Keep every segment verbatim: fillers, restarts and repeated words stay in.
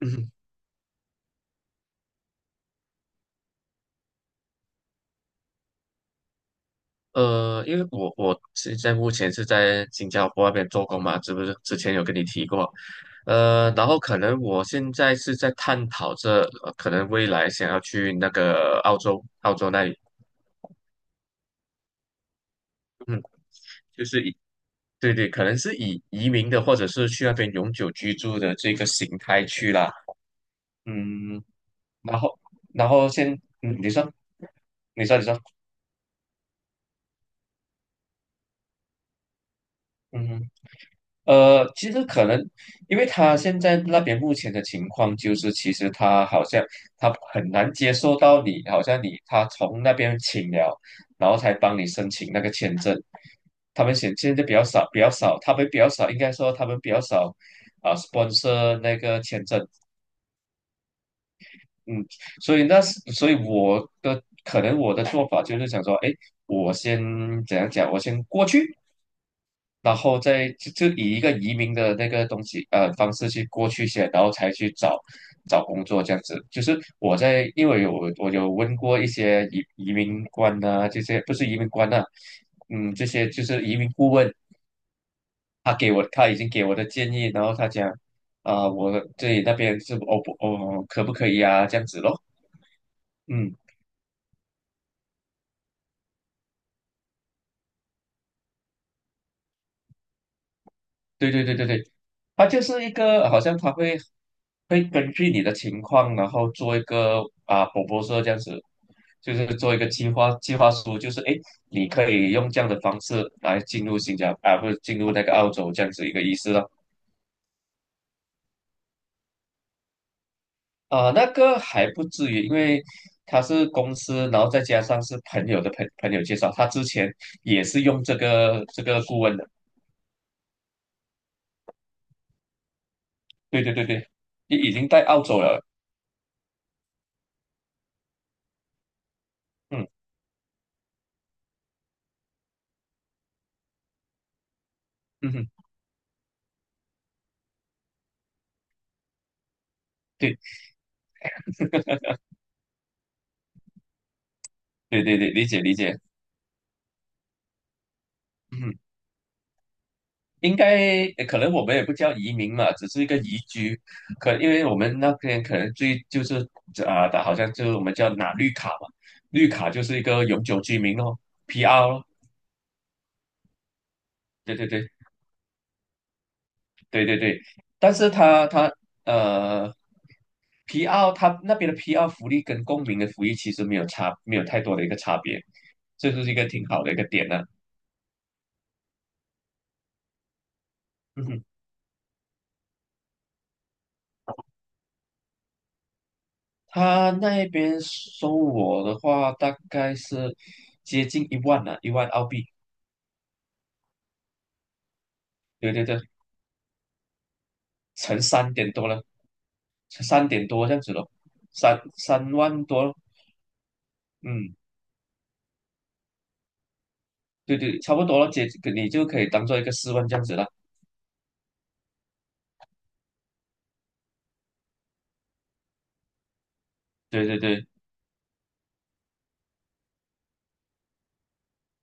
嗯，呃，因为我我现在目前是在新加坡那边做工嘛，是不是？之前有跟你提过。呃，然后可能我现在是在探讨着，呃可能未来想要去那个澳洲，澳洲那里。嗯。就是以对对，可能是以移民的或者是去那边永久居住的这个形态去啦。嗯。然后然后先。嗯。你说，你说，你说。嗯。呃，其实可能，因为他现在那边目前的情况就是，其实他好像，他很难接受到你，好像你他从那边请了，然后才帮你申请那个签证。他们现现在比较少，比较少，他们比较少，应该说他们比较少。啊、sponsor 那个签证。嗯。所以那是，所以我的可能我的做法就是想说，哎，我先怎样讲，我先过去，然后再就就以一个移民的那个东西呃方式去过去先，然后才去找找工作这样子。就是我在，因为有我有问过一些移移民官啊，这些不是移民官啊。嗯。这些就是移民顾问。他给我他已经给我的建议，然后他讲啊、我这里那边是哦不哦可不可以啊这样子咯。嗯。对对对对对，它就是一个好像它会会根据你的情况，然后做一个啊 P R 说这样子，就是做一个计划计划书，就是诶，你可以用这样的方式来进入新加坡啊，不是进入那个澳洲这样子一个意思了。啊、那个还不至于，因为他是公司，然后再加上是朋友的朋朋友介绍，他之前也是用这个这个顾问的。对对对对，你已经在澳洲了。嗯。嗯哼。对。 对对对，理解理解。嗯，应该呃可能我们也不叫移民嘛，只是一个移居。可因为我们那边可能最就是啊、的好像就是我们叫拿绿卡嘛。绿卡就是一个永久居民咯，P R。 对对对对对对。但是他他呃 P R， 他那边的 P R 福利跟公民的福利其实没有差，没有太多的一个差别。这就是一个挺好的一个点呢。嗯哼。他那边收我的话大概是接近一万啊，一万澳币。对对对。乘三点多了，乘三点多这样子咯，三三万多咯。嗯。对对，差不多了，姐，你就可以当做一个四万这样子了。对对对。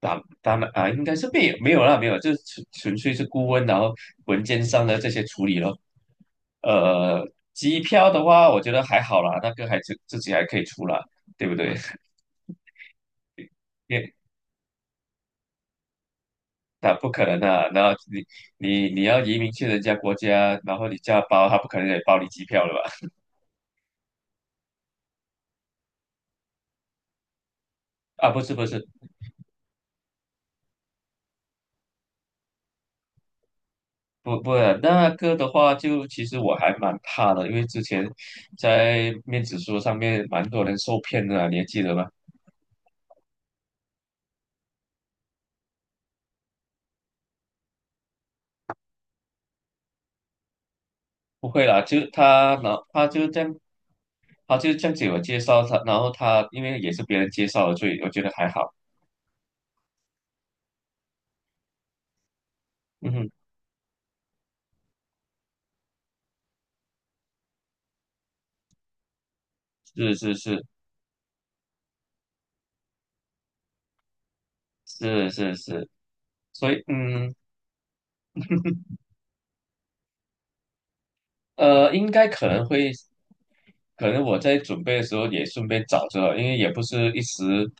打打满啊，应该是没有没有啦，没有，就是纯纯粹是顾问，然后文件上的这些处理咯。呃，机票的话，我觉得还好啦，那个还自自己还可以出啦，对不对？因为那不可能啊，然后你你你要移民去人家国家，然后你叫他包，他不可能也包你机票了吧？啊，不是不是。不不，那个的话就，其实我还蛮怕的，因为之前在面子书上面蛮多人受骗的啊你还记得吗？不会啦，就他，然后他就这样，他就这样子我介绍他，然后他因为也是别人介绍的，所以我觉得还好。嗯哼。是是是，是是是。所以。嗯。呃，应该可能会，可能我在准备的时候也顺便找着，因为也不是一时，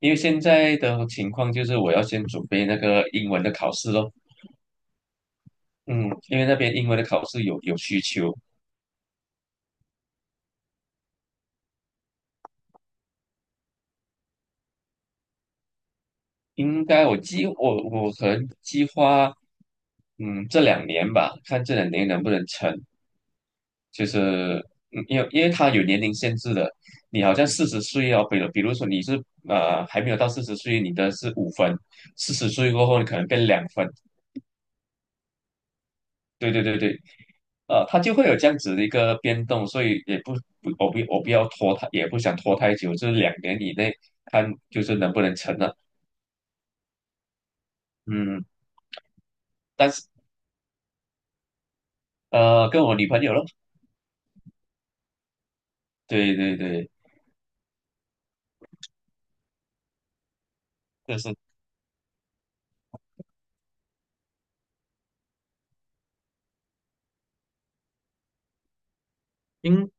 因为现在的情况就是我要先准备那个英文的考试咯。嗯，因为那边英文的考试有有需求。应该我计我我可能计划。嗯，这两年吧，看这两年能不能成。就是嗯因为因为他有年龄限制的，你好像四十岁哦，比如比如说你是呃还没有到四十岁，你的是五分，四十岁过后你可能变两分。对对对对。呃，它就会有这样子的一个变动，所以也不不我不我不要拖太，也不想拖太久，就是两年以内看就是能不能成了。嗯。但是呃跟我女朋友咯。对对对。就是因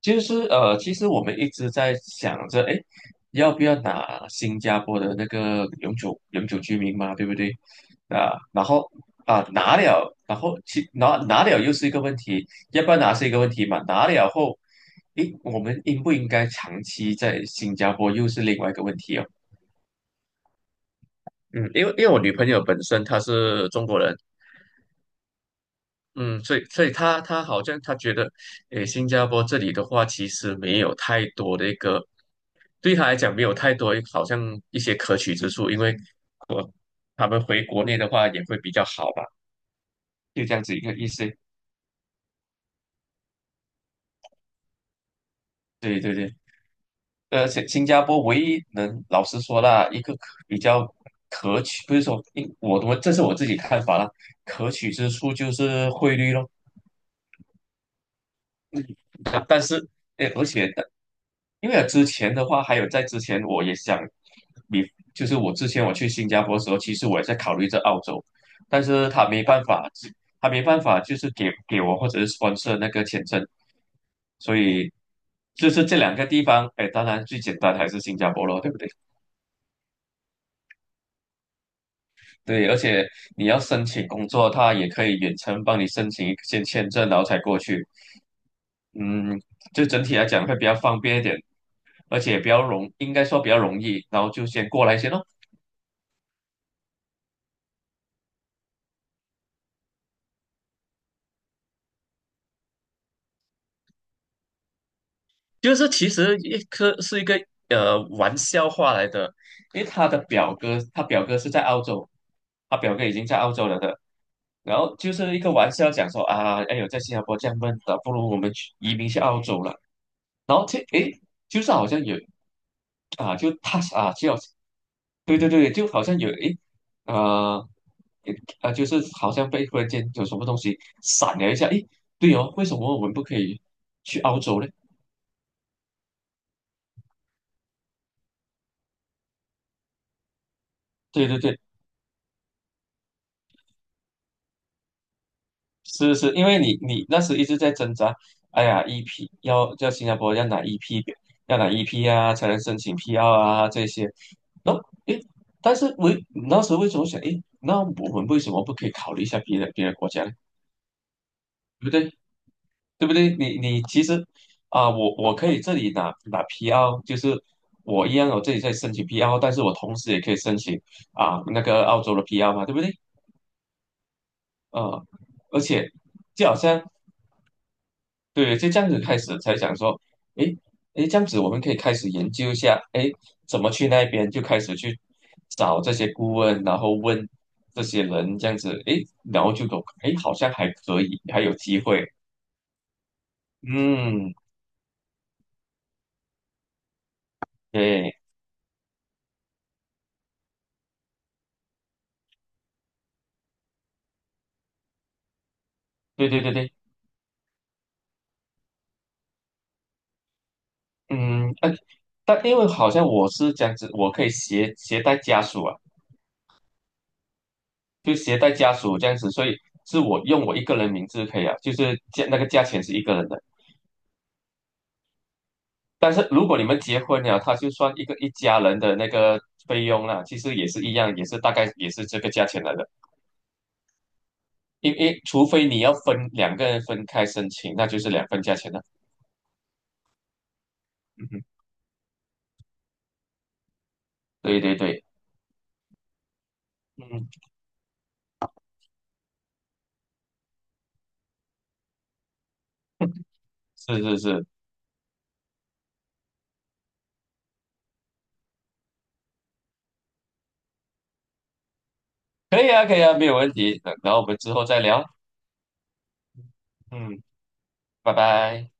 就是呃，其实我们一直在想着，哎，要不要拿新加坡的那个永久永久居民嘛，对不对？啊，然后啊拿了，然后其拿拿了又是一个问题，要不要拿是一个问题嘛？拿了后，诶，我们应不应该长期在新加坡又是另外一个问题哦。嗯，因为因为我女朋友本身她是中国人。嗯，所以所以他他好像他觉得，诶，新加坡这里的话，其实没有太多的一个，对他来讲没有太多好像一些可取之处。因为我他们回国内的话也会比较好吧，就这样子一个意思。对对对。而且新加坡唯一能老实说啦，一个可比较可取，不是说，因我我这是我自己看法啦，可取之处就是汇率咯。但但是诶，而且因为之前的话，还有在之前，我也想，比就是我之前我去新加坡的时候，其实我也在考虑这澳洲，但是他没办法，他没办法，就是给给我或者是 sponsor 那个签证。所以就是这两个地方，哎，当然最简单还是新加坡咯，对不对？对，而且你要申请工作，他也可以远程帮你申请一些签证，然后才过去。嗯，就整体来讲会比较方便一点，而且比较容，应该说比较容易，然后就先过来先咯。就是其实一颗是一个呃玩笑话来的，因为他的表哥，他表哥是在澳洲，他表哥已经在澳洲了的，然后就是一个玩笑讲说啊，哎呦，在新加坡这样闷的，不如我们去移民去澳洲了。然后这诶，就是好像有啊，就他 a s 啊，就对对对，就好像有诶。啊呃，啊，呃就是好像被忽然间有什么东西闪了一下，诶，对哦，为什么我们不可以去澳洲呢？对对对，是是。因为你你那时一直在挣扎，哎呀，EP 要在新加坡要拿 EP,要拿 EP 啊，才能申请 PR 啊这些。然后诶，但是为那时候为什么想，诶，那我们为什么不可以考虑一下别的别的国家呢？对不对？对不对？你你其实啊、我我可以这里拿拿 P R,就是我一样，我这里在申请 P R,但是我同时也可以申请啊、那个澳洲的 P R 嘛，对不对？啊、而且就好像对，就这样子开始才想说，诶诶，这样子我们可以开始研究一下，诶，怎么去那边就开始去找这些顾问，然后问这些人这样子，诶，然后就懂，诶，好像还可以，还有机会。嗯，对。对对对对。嗯。呃，但因为好像我是这样子，我可以携携带家属啊，就携带家属这样子，所以是我用我一个人名字可以啊，就是价那个价钱是一个人的。但是如果你们结婚了，他就算一个一家人的那个费用啦，其实也是一样，也是大概也是这个价钱来的。因为除非你要分两个人分开申请，那就是两份价钱了。嗯哼。对对对。嗯。是是是，可以啊可以啊，没有问题。然然后我们之后再聊。嗯，拜拜。